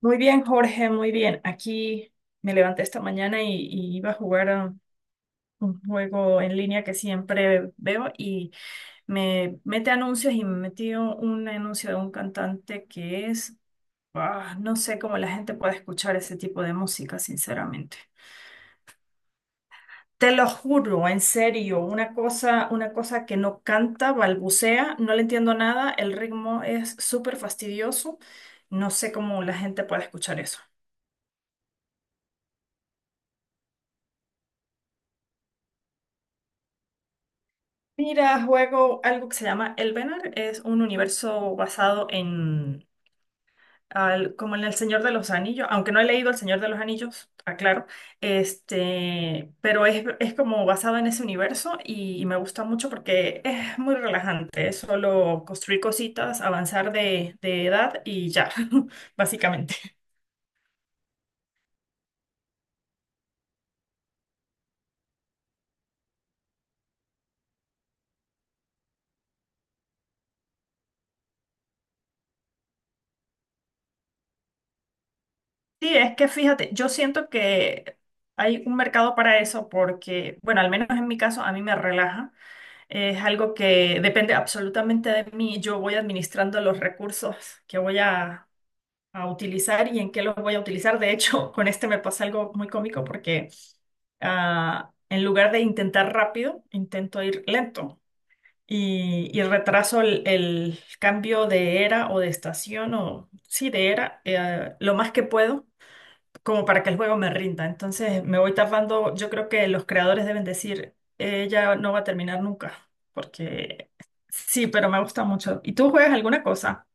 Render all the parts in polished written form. Muy bien, Jorge, muy bien. Aquí me levanté esta mañana y iba a jugar a un juego en línea que siempre veo y me mete anuncios y me metió un anuncio de un cantante que es, no sé cómo la gente puede escuchar ese tipo de música, sinceramente. Te lo juro, en serio, una cosa que no canta, balbucea, no le entiendo nada, el ritmo es súper fastidioso, no sé cómo la gente puede escuchar eso. Mira, juego algo que se llama Elvenar. Es un universo basado en, como en El Señor de los Anillos, aunque no he leído El Señor de los Anillos, aclaro, este, pero es como basado en ese universo y me gusta mucho porque es muy relajante. Es solo construir cositas, avanzar de edad y ya, básicamente. Sí, es que fíjate, yo siento que hay un mercado para eso porque, bueno, al menos en mi caso, a mí me relaja. Es algo que depende absolutamente de mí. Yo voy administrando los recursos que voy a utilizar y en qué los voy a utilizar. De hecho, con este me pasa algo muy cómico porque en lugar de intentar rápido, intento ir lento y retraso el cambio de era o de estación o sí, de era lo más que puedo como para que el juego me rinda. Entonces me voy tapando, yo creo que los creadores deben decir, ella no va a terminar nunca, porque sí, pero me gusta mucho. ¿Y tú juegas alguna cosa?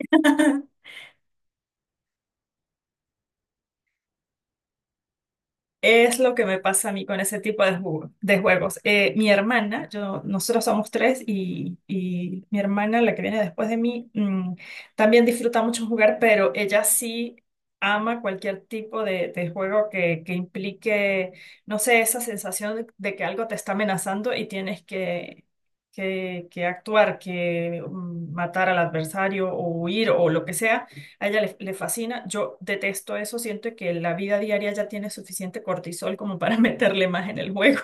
Es lo que me pasa a mí con ese tipo de, de juegos. Mi hermana, yo, nosotros somos tres y mi hermana, la que viene después de mí, también disfruta mucho jugar, pero ella sí ama cualquier tipo de juego que implique, no sé, esa sensación de que algo te está amenazando y tienes que, que actuar, que matar al adversario o huir o lo que sea. A ella le, le fascina. Yo detesto eso. Siento que la vida diaria ya tiene suficiente cortisol como para meterle más en el juego.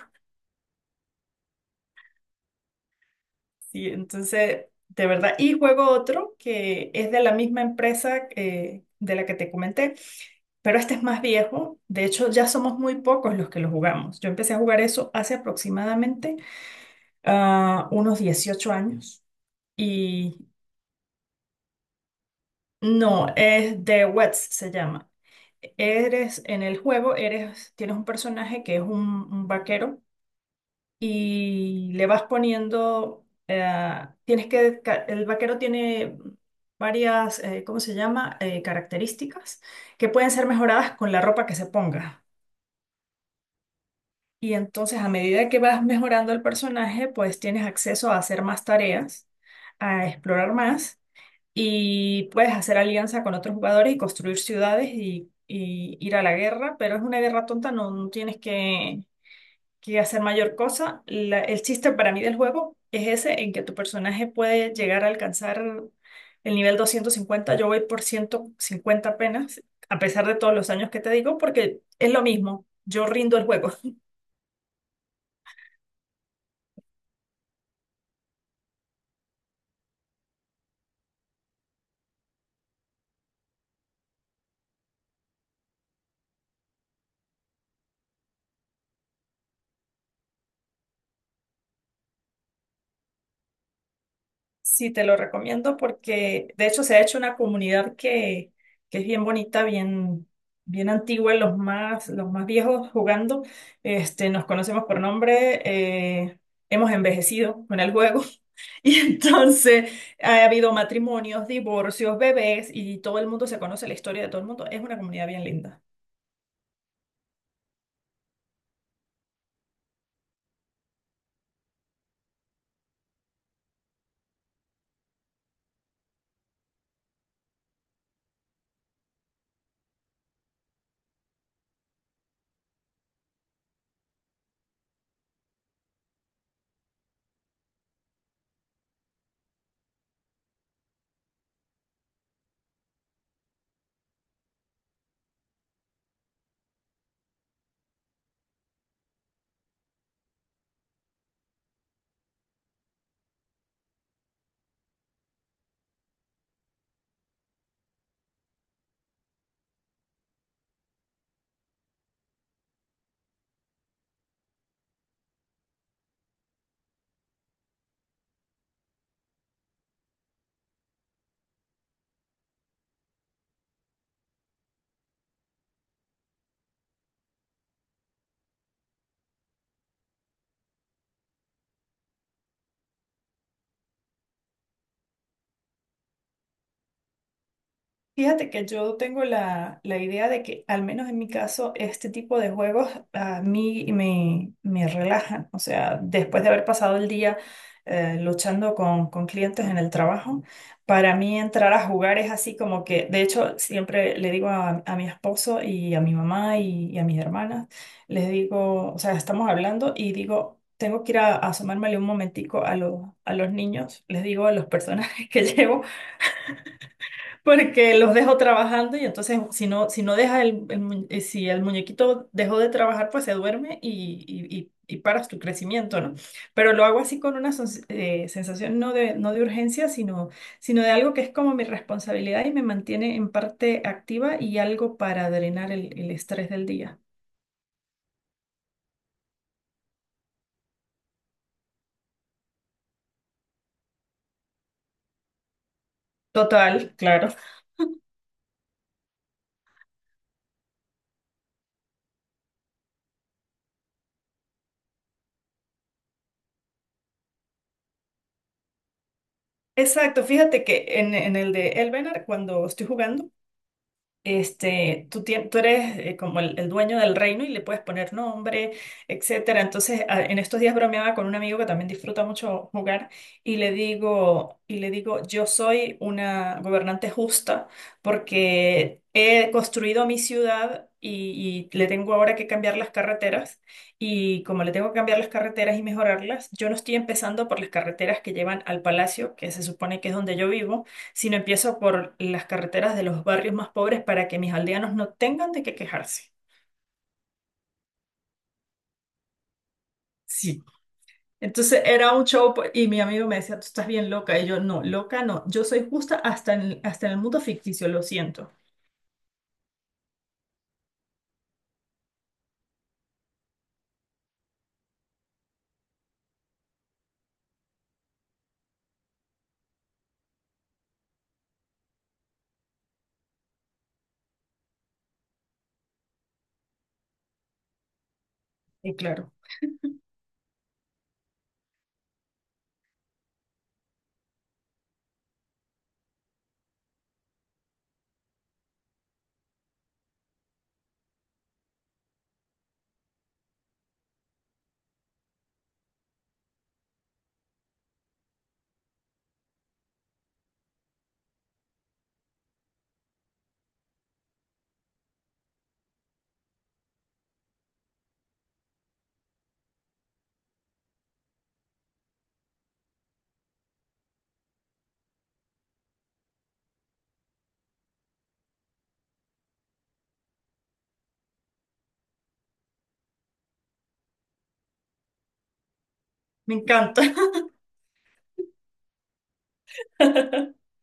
Sí, entonces, de verdad. Y juego otro que es de la misma empresa de la que te comenté, pero este es más viejo. De hecho, ya somos muy pocos los que lo jugamos. Yo empecé a jugar eso hace aproximadamente unos 18 años. Y no, es The Wets se llama. Eres en el juego, eres, tienes un personaje que es un vaquero y le vas poniendo, tienes que, el vaquero tiene varias, ¿cómo se llama? Características que pueden ser mejoradas con la ropa que se ponga. Y entonces a medida que vas mejorando el personaje, pues tienes acceso a hacer más tareas, a explorar más, y puedes hacer alianza con otros jugadores y construir ciudades y ir a la guerra, pero es una guerra tonta, no, no tienes que hacer mayor cosa. El chiste para mí del juego es ese, en que tu personaje puede llegar a alcanzar el nivel 250, yo voy por 150 apenas, a pesar de todos los años que te digo, porque es lo mismo, yo rindo el juego. Sí, te lo recomiendo porque de hecho se ha hecho una comunidad que es bien bonita, bien, bien antigua, los más viejos jugando. Este, nos conocemos por nombre, hemos envejecido con el juego y entonces ha habido matrimonios, divorcios, bebés y todo el mundo se conoce la historia de todo el mundo. Es una comunidad bien linda. Fíjate que yo tengo la, la idea de que, al menos en mi caso, este tipo de juegos a mí me, me relajan. O sea, después de haber pasado el día luchando con clientes en el trabajo, para mí entrar a jugar es así como que, de hecho, siempre le digo a mi esposo y a mi mamá y a mis hermanas, les digo, o sea, estamos hablando y digo, tengo que ir a asomármele un momentico a los niños, les digo a los personajes que llevo porque los dejo trabajando y entonces si no, si no deja el si el muñequito dejó de trabajar, pues se duerme y, y paras tu crecimiento, ¿no? Pero lo hago así con una sensación no de, no de urgencia, sino, sino de algo que es como mi responsabilidad y me mantiene en parte activa y algo para drenar el estrés del día. Total, claro. Exacto, fíjate que en el de Elvenar, cuando estoy jugando, este, tú, tú eres como el dueño del reino y le puedes poner nombre, etcétera. Entonces, en estos días bromeaba con un amigo que también disfruta mucho jugar y le digo, yo soy una gobernante justa porque he construido mi ciudad y le tengo ahora que cambiar las carreteras y como le tengo que cambiar las carreteras y mejorarlas, yo no estoy empezando por las carreteras que llevan al palacio, que se supone que es donde yo vivo, sino empiezo por las carreteras de los barrios más pobres para que mis aldeanos no tengan de qué quejarse. Sí. Entonces era un show pues, y mi amigo me decía, tú estás bien loca. Y yo, no, loca no, yo soy justa hasta en, hasta en el mundo ficticio, lo siento. Y claro, me encanta.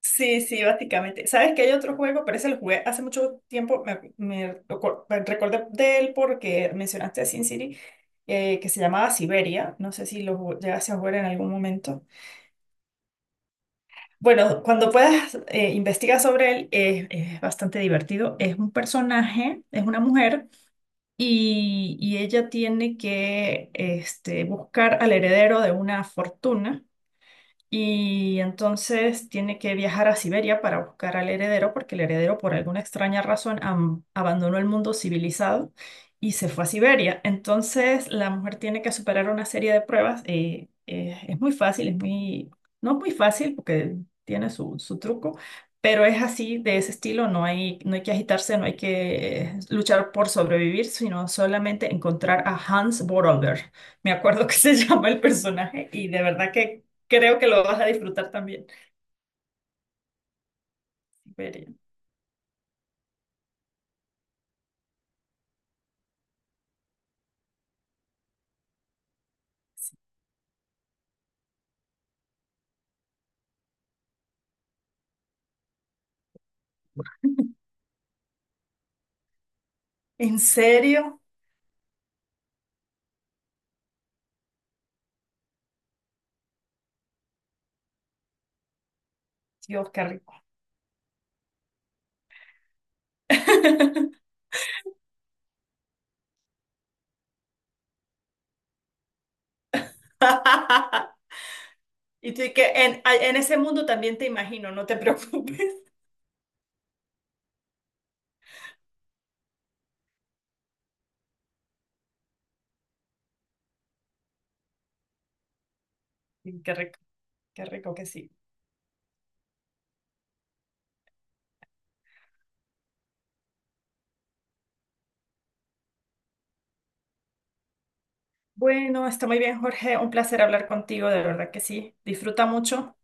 Sí, sí, básicamente. ¿Sabes que hay otro juego? Pero ese lo jugué hace mucho tiempo. Me, me recordé de él porque mencionaste a Sin City, que se llamaba Siberia. No sé si lo llegaste a jugar en algún momento. Bueno, cuando puedas investigar sobre él, es bastante divertido. Es un personaje, es una mujer, y ella tiene que este, buscar al heredero de una fortuna y entonces tiene que viajar a Siberia para buscar al heredero porque el heredero por alguna extraña razón abandonó el mundo civilizado y se fue a Siberia. Entonces la mujer tiene que superar una serie de pruebas. Es muy fácil, es muy, no es muy fácil porque tiene su, su truco. Pero es así, de ese estilo, no hay, no hay que agitarse, no hay que luchar por sobrevivir, sino solamente encontrar a Hans Borolder. Me acuerdo que se llama el personaje y de verdad que creo que lo vas a disfrutar también. Siberia. ¿En serio? Dios, qué rico. Y tú, y que en ese mundo también te imagino, no te preocupes. Sí, qué rico, qué rico que sí. Bueno, está muy bien, Jorge. Un placer hablar contigo, de verdad que sí. Disfruta mucho.